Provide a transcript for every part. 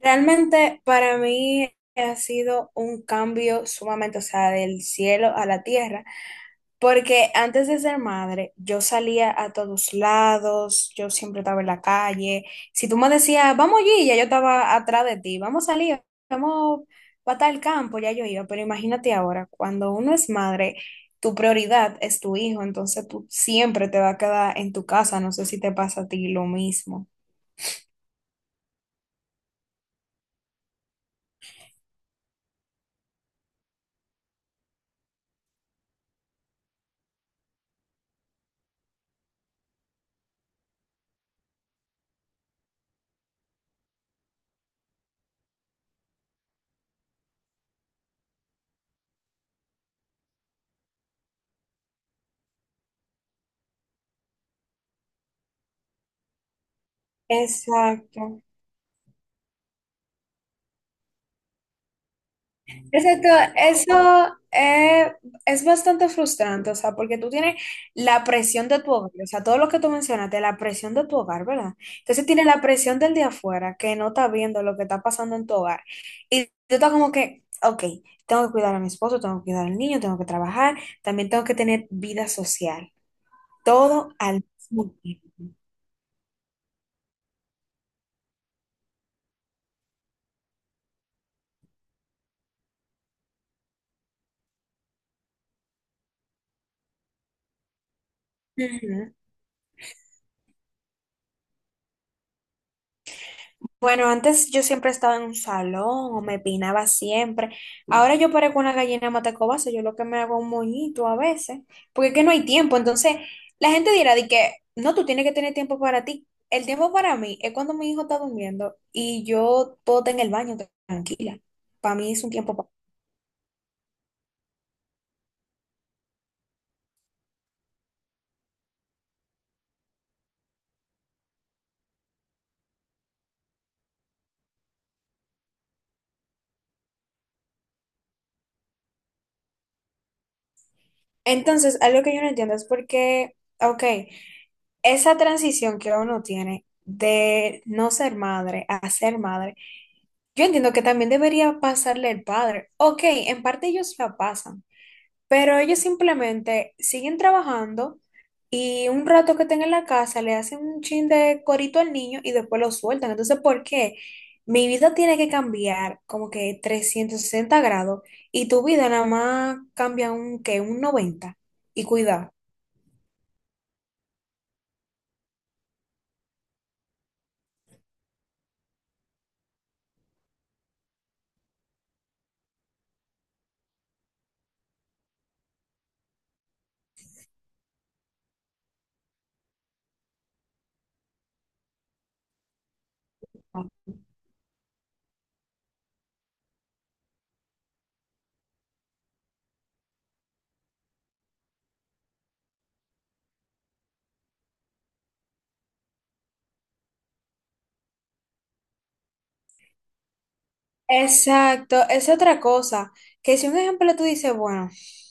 Realmente para mí ha sido un cambio sumamente, o sea, del cielo a la tierra, porque antes de ser madre yo salía a todos lados, yo siempre estaba en la calle. Si tú me decías, vamos allí, ya yo estaba atrás de ti, vamos a salir, vamos para tal campo, ya yo iba. Pero imagínate ahora, cuando uno es madre, tu prioridad es tu hijo, entonces tú siempre te vas a quedar en tu casa. No sé si te pasa a ti lo mismo. Exacto. Exacto, eso es bastante frustrante, o sea, porque tú tienes la presión de tu hogar, o sea, todo lo que tú mencionaste, la presión de tu hogar, ¿verdad? Entonces tienes la presión del de afuera, que no está viendo lo que está pasando en tu hogar. Y tú estás como que, ok, tengo que cuidar a mi esposo, tengo que cuidar al niño, tengo que trabajar, también tengo que tener vida social, todo al mismo tiempo. Bueno, antes yo siempre estaba en un salón o me peinaba siempre. Ahora yo parezco una gallina matacobasa, yo lo que me hago un moñito a veces, porque es que no hay tiempo. Entonces, la gente dirá de que no, tú tienes que tener tiempo para ti. El tiempo para mí es cuando mi hijo está durmiendo y yo puedo estar en el baño tranquila. Para mí es un tiempo para... Entonces, algo que yo no entiendo es porque, ok, esa transición que uno tiene de no ser madre a ser madre, yo entiendo que también debería pasarle el padre. Ok, en parte ellos la pasan, pero ellos simplemente siguen trabajando, y un rato que estén en la casa le hacen un chin de corito al niño y después lo sueltan. Entonces, ¿por qué mi vida tiene que cambiar como que 360 grados y tu vida nada más cambia un que un 90? Y cuidado. Exacto, es otra cosa, que si un ejemplo tú dices, bueno,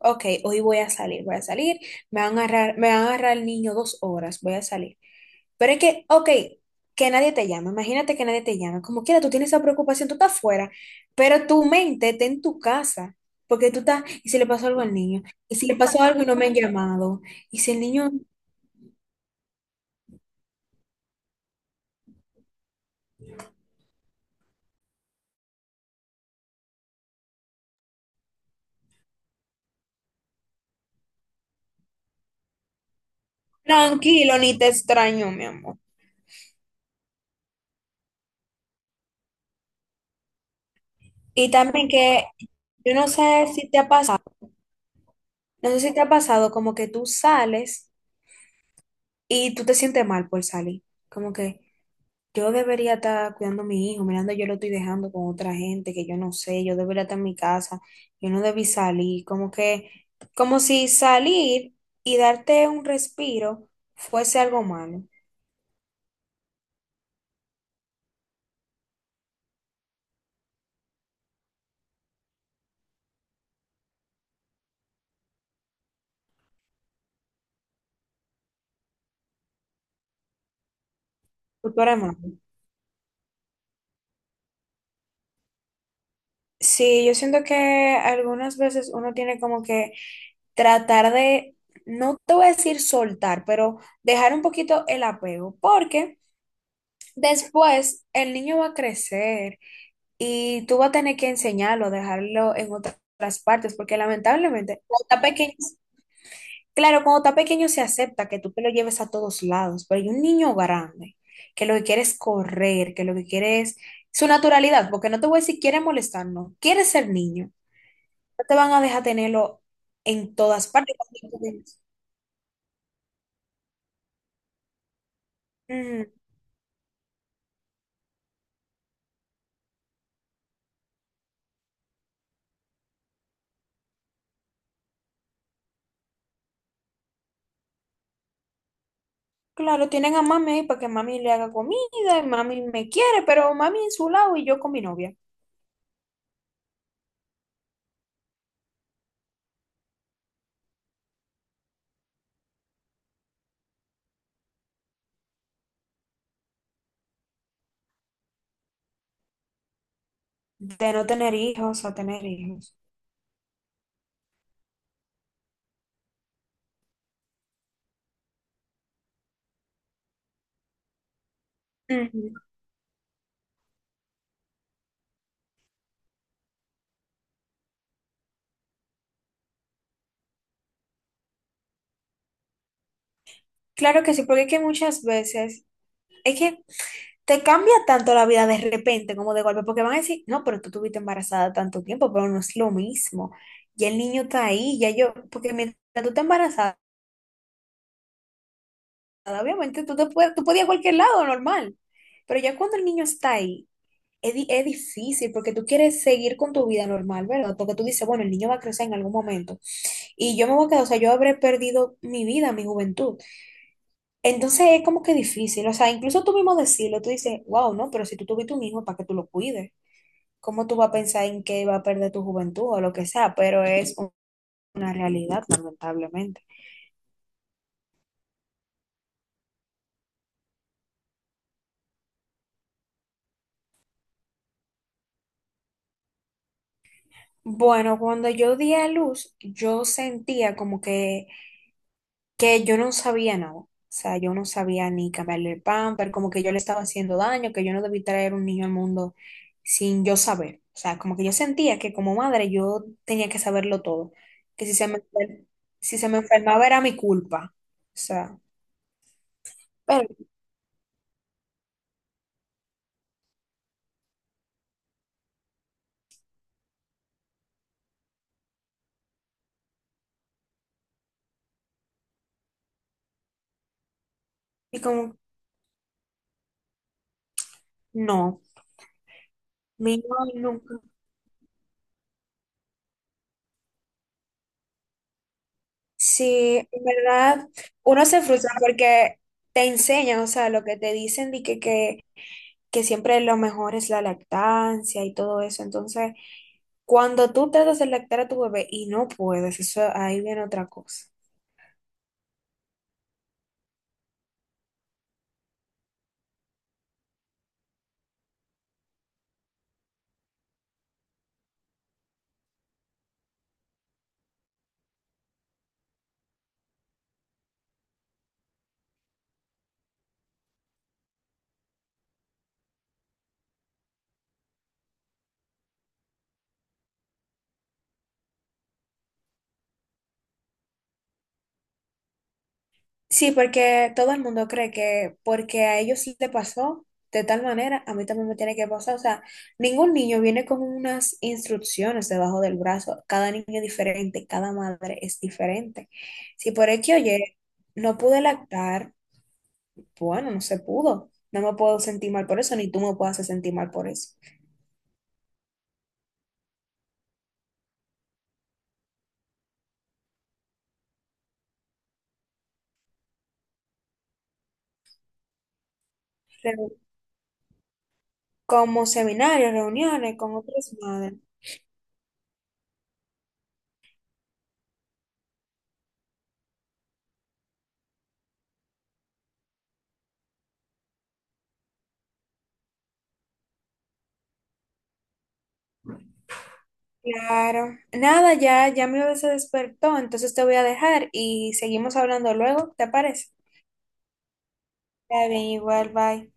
ok, hoy voy a salir, me van a agarrar, me van a agarrar el niño 2 horas, voy a salir. Pero es que, ok, que nadie te llame, imagínate que nadie te llame, como quiera, tú tienes esa preocupación, tú estás fuera, pero tu mente está en tu casa, porque tú estás, y si le pasó algo al niño, y si le pasó algo y no me han llamado, y si el niño... Tranquilo, ni te extraño, mi amor. Y también que yo no sé si te ha pasado. No sé si te ha pasado como que tú sales y tú te sientes mal por salir. Como que yo debería estar cuidando a mi hijo, mirando, yo lo estoy dejando con otra gente que yo no sé, yo debería estar en mi casa, yo no debí salir. Como que, como si salir y darte un respiro fuese algo malo, o eres malo. Sí, yo siento que algunas veces uno tiene como que tratar de, no te voy a decir soltar, pero dejar un poquito el apego. Porque después, el niño va a crecer y tú vas a tener que enseñarlo, dejarlo en otras partes, porque lamentablemente, cuando está pequeño, claro, cuando está pequeño se acepta que tú te lo lleves a todos lados. Pero hay un niño grande que lo que quiere es correr, que lo que quiere es su naturalidad, porque no te voy a decir quiere molestar, no, quiere ser niño. No te van a dejar tenerlo en todas partes cuando tú... Ujú. Claro, tienen a mami ahí para que mami le haga comida, y mami me quiere, pero mami en su lado y yo con mi novia. De no tener hijos a tener hijos. Ujú. Claro que sí, porque es que muchas veces es que te cambia tanto la vida de repente, como de golpe, porque van a decir, no, pero tú estuviste embarazada tanto tiempo, pero no es lo mismo. Ya el niño está ahí, ya yo, porque mientras tú estás embarazada, obviamente tú te puedes, tú puedes ir a cualquier lado, normal. Pero ya cuando el niño está ahí, es, es difícil, porque tú quieres seguir con tu vida normal, ¿verdad? Porque tú dices, bueno, el niño va a crecer en algún momento y yo me voy a quedar, o sea, yo habré perdido mi vida, mi juventud. Entonces es como que difícil, o sea, incluso tú mismo decirlo, tú dices, wow, no, pero si tú tuviste un hijo, ¿para que tú lo cuides? ¿Cómo tú vas a pensar en que va a perder tu juventud o lo que sea? Pero es una realidad, lamentablemente. Bueno, cuando yo di a luz, yo sentía como que yo no sabía nada. O sea, yo no sabía ni cambiarle el pamper, como que yo le estaba haciendo daño, que yo no debí traer un niño al mundo sin yo saber. O sea, como que yo sentía que como madre yo tenía que saberlo todo, que si se me, si se me enfermaba era mi culpa. O sea, pero, y como, no, mi hijo nunca. Sí, en verdad, uno se frustra porque te enseñan, o sea, lo que te dicen de que siempre lo mejor es la lactancia y todo eso. Entonces, cuando tú tratas de lactar a tu bebé y no puedes, eso ahí viene otra cosa. Sí, porque todo el mundo cree que porque a ellos le pasó de tal manera, a mí también me tiene que pasar. O sea, ningún niño viene con unas instrucciones debajo del brazo. Cada niño es diferente, cada madre es diferente. Si por X o Y no pude lactar, bueno, no se pudo. No me puedo sentir mal por eso, ni tú me puedes hacer sentir mal por eso. Como seminarios, reuniones con otras madres. Claro. Nada, ya, ya mi bebé se despertó, entonces te voy a dejar y seguimos hablando luego, ¿te parece? Está bien, igual, bye.